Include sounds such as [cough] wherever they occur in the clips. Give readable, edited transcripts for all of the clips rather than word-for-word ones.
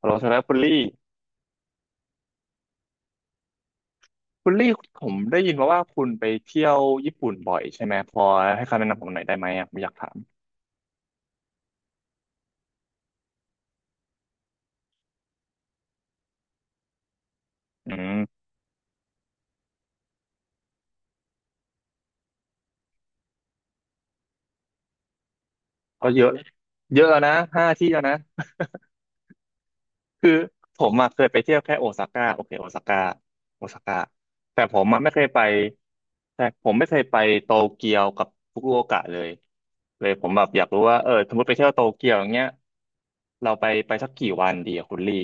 ฮัลโหลสำหรับคุณลี่ผมได้ยินมาว่าคุณไปเที่ยวญี่ปุ่นบ่อยใช่ไหมพอให้คำแนะนำผมหน่อยได้ไหมอ่ะผมอยากถามอืมก็เยอะเยอะนะห้าที่แล้วนะคือผมอะเคยไปเที่ยวแค่โอซาก้าโอเคโอซาก้าแต่ผมอะไม่เคยไปแต่ผมไม่เคยไปโตเกียวกับฟุกุโอกะเลยเลยผมแบบอยากรู้ว่าเออสมมติไปเที่ยวโตเกียวอย่างเงี้ยเราไปสักกี่วันดีอะคุณลี่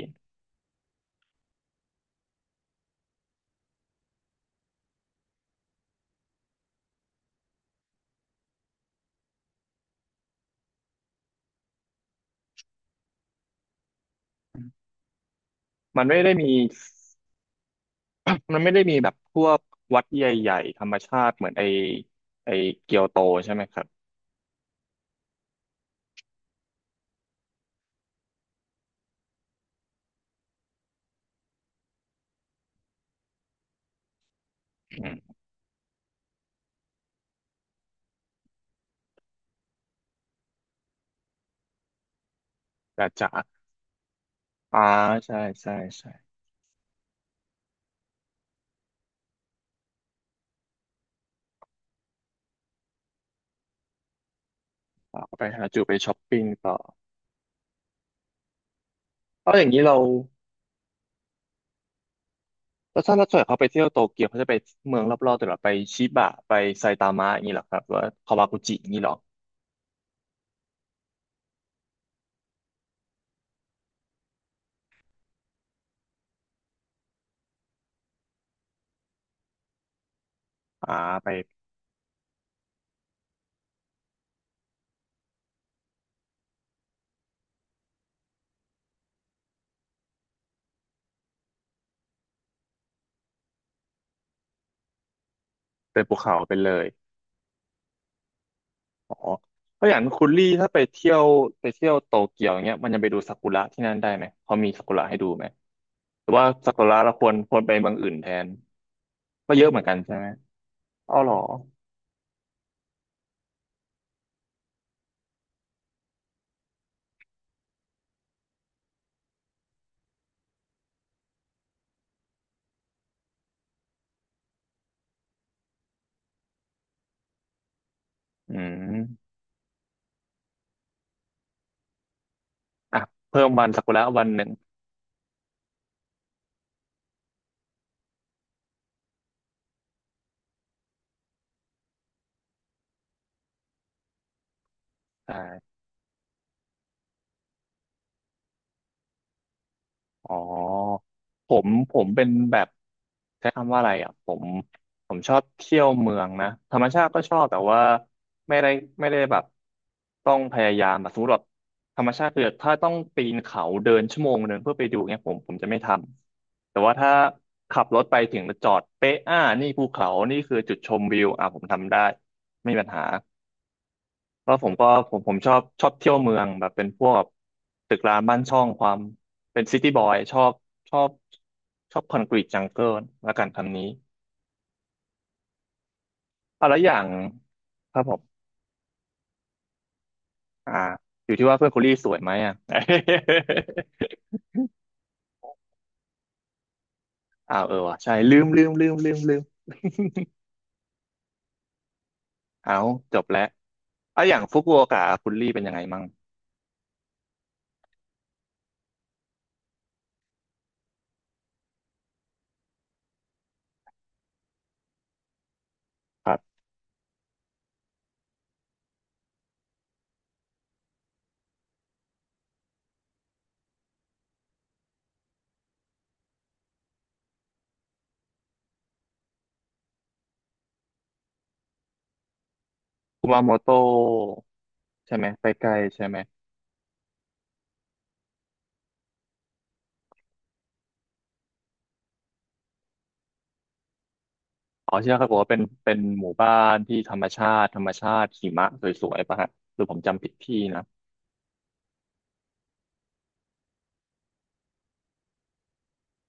มันไม่ได้มี [coughs] มันไม่ได้มีแบบพวกวัดใหญ่ๆธรรมชาติเหมือนไอเกียวโตใช่ไหมครับอืมแต่จ๋าอ่าใช่ใช่ใช่อ่าไปหาจูไปช้อปปิ้งต่อเอาอย่างนี้เราแล้วถ้าเราส่วนเขาไปเที่ยวโตเกียวเขาจะไปเมืองรอบๆแต่เหราไปชิบะไปไซตามะอย่างนี้เหรอครับหรือว่าคาวากุจิอย่างนี้เหรออ่าไปไปภูเขาไปเลยอ๋อเพราะอย่างคุณลี่ถ้าไปเที่ยวโตเกียวอย่างเงี้ยมันจะไปดูซากุระที่นั่นได้ไหมเขามีซากุระให้ดูไหมหรือว่าซากุระเราควรไปเมืองอื่นแทน ก็เยอะเหมือนกันใช่ไหมอ๋อเหรออืมอ่ะเพิ่มวันสักุระวันหนึ่งใช่าอ๋อผมเป็นแบบใช้คำว่าอะไรอ่ะผมผมชอบเที่ยวเมืองนะธรรมชาติก็ชอบแต่ว่าไม่ได้ไม่ได้แบบต้องพยายามแบบสมมติแบบธรรมชาติคือถ้าต้องปีนเขาเดินชั่วโมงหนึ่งเพื่อไปดูเนี่ยผมจะไม่ทำแต่ว่าถ้าขับรถไปถึงแล้วจอดเป๊ะอ่านี่ภูเขานี่คือจุดชมวิวอ่ะผมทำได้ไม่มีปัญหา ก็ผมชอบเที่ยวเมืองแบบเป็นพวกตึกร้างบ้านช่องความเป็นซิตี้บอยชอบชอบคอนกรีตจังเกิลละกันคำนี้เอาแล้วอย่างครับผมอ่าอยู่ที่ว่าเพื่อนคุณลี่สวยไหมอ่ะ [laughs] อ้าวเออว่ะใช่ลืมลืมลืมลืมลืมเอาจบแล้วเอาอย่างฟุกุโอกะคุณลี่เป็นยังไงมั่งครับคุมาโมโตะใช่ไหมใกล้ๆใช่ไหม อ๋อที่นั่นเขาบอกว่าเป็นหมู่บ้านที่ธรรมชาติหิมะสวยๆป่ะฮะหรือผมจำผิดที่นะ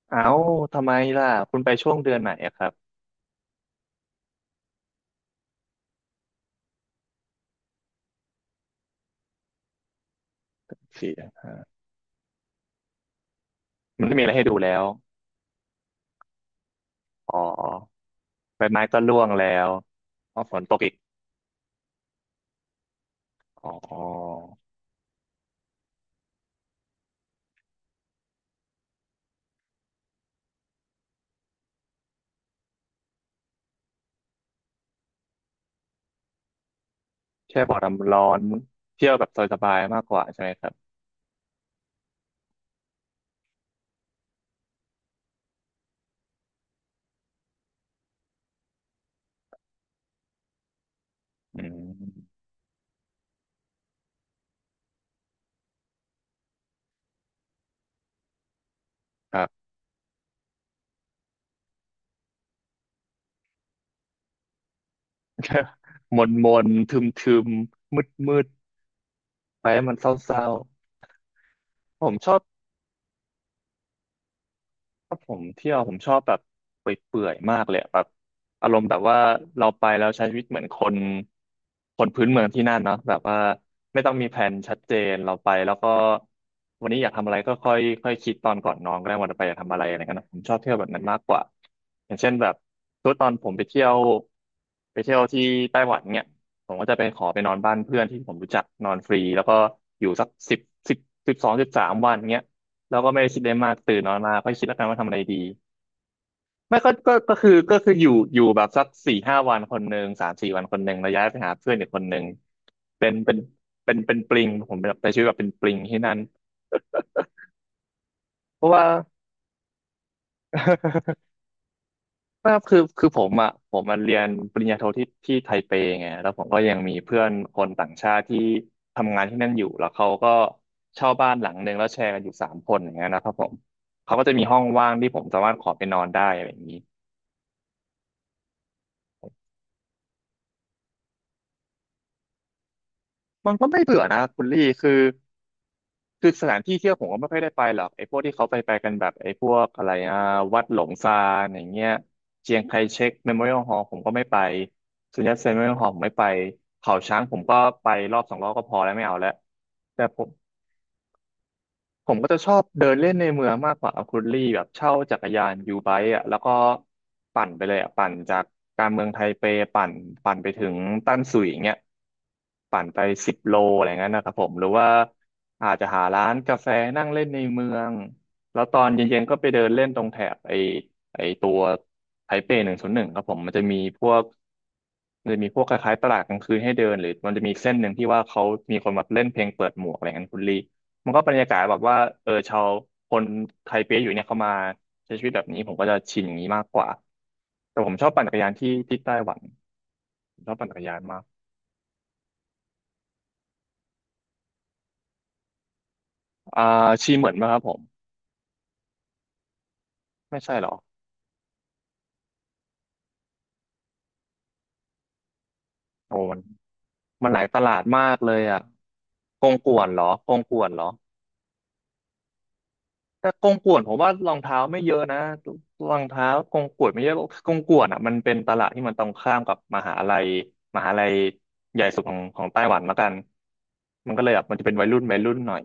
เอ้าทำไมล่ะคุณไปช่วงเดือนไหนอะครับเสียมันไม่มีอะไรให้ดูแล้วอ๋อใบไม้ก็ร่วงแล้วอ๋อฝนตกอีกอ๋อแค่บ่อน้ำร้อนเที่ยวแบบสบายๆมากกว่าใช่ไหมครับอืมครับ [laughs] มนมนทึมทึมมืดมืดๆไปให้มันเศร้าๆผมชอบ ถ้าผมเที่ยวผมชอบแบบเปื่อยๆมากเลยแบบอารมณ์แบบว่าเราไปแล้วใช้ชีวิตเหมือนคนพื้นเมืองที่นั่นเนาะแบบว่าไม่ต้องมีแผนชัดเจนเราไปแล้วก็วันนี้อยากทำอะไรก็ค่อยค่อยคิดตอนก่อนนอนก็ได้วันต่อไปอยากทำอะไรอะไรเงี้ยนะผมชอบเที่ยวแบบนั้นมากกว่าอย่างเช่นแบบทุกตอนผมไปเที่ยวที่ไต้หวันเนี่ยผมก็จะไปขอไปนอนบ้านเพื่อนที่ผมรู้จักนอนฟรีแล้วก็อยู่สักสิบ12-13 วันเงี้ย เราก็ไม่ได้คิดอะไรมากตื่นนอนมาก็คิดแล้วกันว่าทำอะไรดีไม่ก็คืออยู่แบบสักสี่ห้าวันคนหนึ่งสามสี่วันคนหนึ่งแล้วย้ายไปหาเพื่อนอีกคนหนึ่งเป็นเป็นเป็นปลิงผมแบบใช้ชีวิตแบบเป็นปลิงที่นั่นเพราะว่า [laughs] ว่าคือผมอ่ะผมมาเรียนปริญญาโทที่ไทเปไงแล้วผมก็ยังมีเพื่อนคนต่างชาติที่ทำงานที่นั่นอยู่แล้วเขาก็เช่าบ้านหลังหนึ่งแล้วแชร์กันอยู่สามคนอย่างเงี้ยนะครับผมเขาก็จะมีห้องว่างที่ผมสามารถขอไปนอนได้อะไรอย่างนี้ มันก็ไม่เบื่อนะคุณลี่คือสถานที่เที่ยวผมก็ไม่ค่อยได้ไปหรอกไอ้พวกที่เขาไปกันแบบไอ้พวกอะไรอ่ะวัดหลงซานอย่างเงี้ยเจียงไคเชกเมโมเรียลฮอลผมก็ไม่ไปสุนยัตเซนเมโมเรียลฮอลผมไม่ไปเขาช้างผมก็ไปรอบสองรอบก็พอแล้วไม่เอาแล้วแต่ผม ผมก็จะชอบเดินเล่นในเมืองมากกว่าคุณลี่แบบเช่าจักรยานยูไบค์อ่ะแล้วก็ปั่นไปเลยอ่ะปั่นจากการเมืองไทเปปั่นปั่นไปถึงตั้นสุยอย่างเงี้ยปั่นไป10 โลอะไรเงี้ยนะครับผมหรือว่าอาจจะหาร้านกาแฟนั่งเล่นในเมืองแล้วตอนเย็นๆก็ไปเดินเล่นตรงแถบไอไอตัวไทเป101ครับผมมันจะมีพวกคล้ายๆตลาดกลางคืนให้เดินหรือมันจะมีเส้นหนึ่งที่ว่าเขามีคนมาเล่นเพลงเปิดหมวกอะไรเงี้ยคุณลี่ มันก็บรรยากาศแบบว่าเออชาวคนไทเปอยู่เนี่ยเขามาใช้ชีวิตแบบนี้ผมก็จะชินอย่างนี้มากกว่าแต่ผมชอบปั่นจักรยานที่ที่ไต้หวันผมชอบปั่นจักรยานมากอ่าชีเหมือนไหมครับผมไม่ใช่หรอโอ้มันมันหลายตลาดมากเลยอ่ะกงก่วนเหรอกงก่วนเหรอแต่กงก่วนผมว่ารองเท้าไม่เยอะนะรองเท้ากงก่วนไม่เยอะกงก่วนอ่ะมันเป็นตลาดที่มันตรงข้ามกับมหาลัยใหญ่สุดของไต้หวันละกันมันก็เลยแบบมันจะเป็นวัยรุ่นวัยรุ่นหน่อย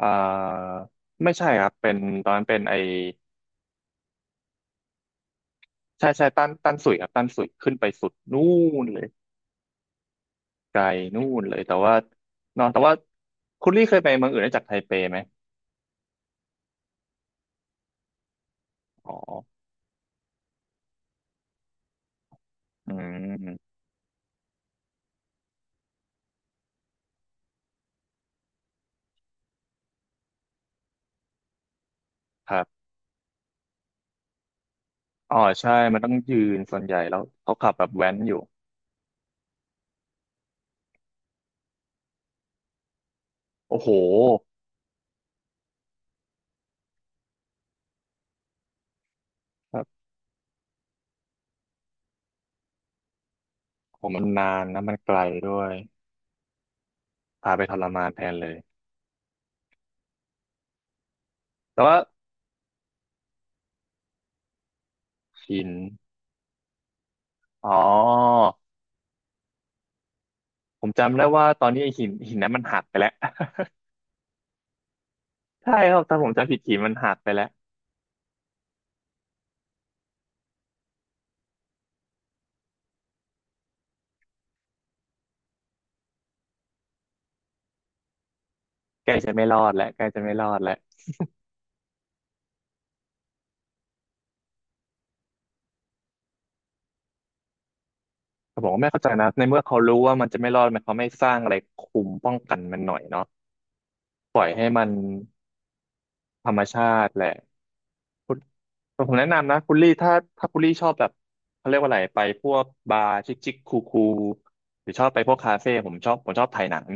อ่าไม่ใช่ครับเป็นตอนนั้นเป็นไอใช่ใช่ตั้นสุยครับตั้นสุยขึ้นไปสุดนู่นเลยไกลนู่นเลยแต่ว่าเนอนแต่ว่าคุณลี่เคยไปเมืองอื่นนอกจากไทเปไหมอ๋ออืมครับอ๋อใช่มันต้องยืนส่วนใหญ่แล้วเขาขับแบบแว้นอยู่โอ้โหครับผมมันนานนะมันไกลด้วยพาไปทรมานแทนเลยแต่ว่าหินอ๋อผมจำได้ว่าตอนนี้ไอ้หินนั้นมันหักไปแล้ว [laughs] ใช่ครับถ้าผมจำผิดหินมันหักไปแล้ว ใกล้จะไม่รอดแล้วใกล้จะไม่รอดแล้วแต่ผมก็ไม่เข้าใจนะในเมื่อเขารู้ว่ามันจะไม่รอดมันเขาไม่สร้างอะไรคุมป้องกันมันหน่อยเนาะปล่อยให้มันธรรมชาติแหละคุณผมแนะนำนะคุณลี่ถ้าคุณลี่ชอบแบบเขาเรียกว่าอะไรไปพวกบาร์ชิคชิคคูคูหรือชอบไปพวกคาเฟ่ผมชอบถ่ายหนัง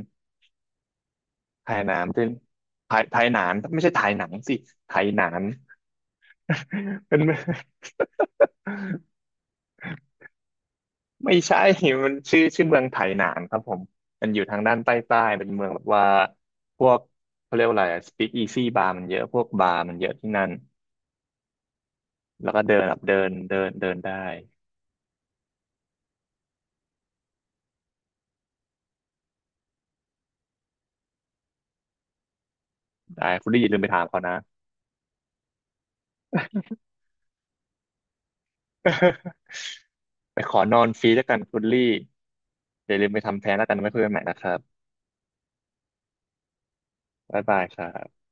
ถ่ายหนังเป็นถ่ายหนังไม่ใช่ถ่ายหนังสิถ่ายหนัง [laughs] เป็น [laughs] ไม่ใช่ [laughs] มันชื่อเมืองไถหนานครับผม มันอยู่ทางด้านใต้เป็นเมืองแบบว่า พวกเขาเรียกว่าอะไรสปีกอีซี่บาร์มันเยอะพวกบาร์มันเยอะที่นั่น แล้วก็เดินแบบเดินเดินเดินได้ ได้คุณลี่อย่าลืมไปถามเขานะ [laughs] ไปขอนอนฟรีแล้วกันคุณลี่อย่าลืมไปทำแท้งแล้วกันไม่คุยกันใหม่นะครับบ๊ายบายครับ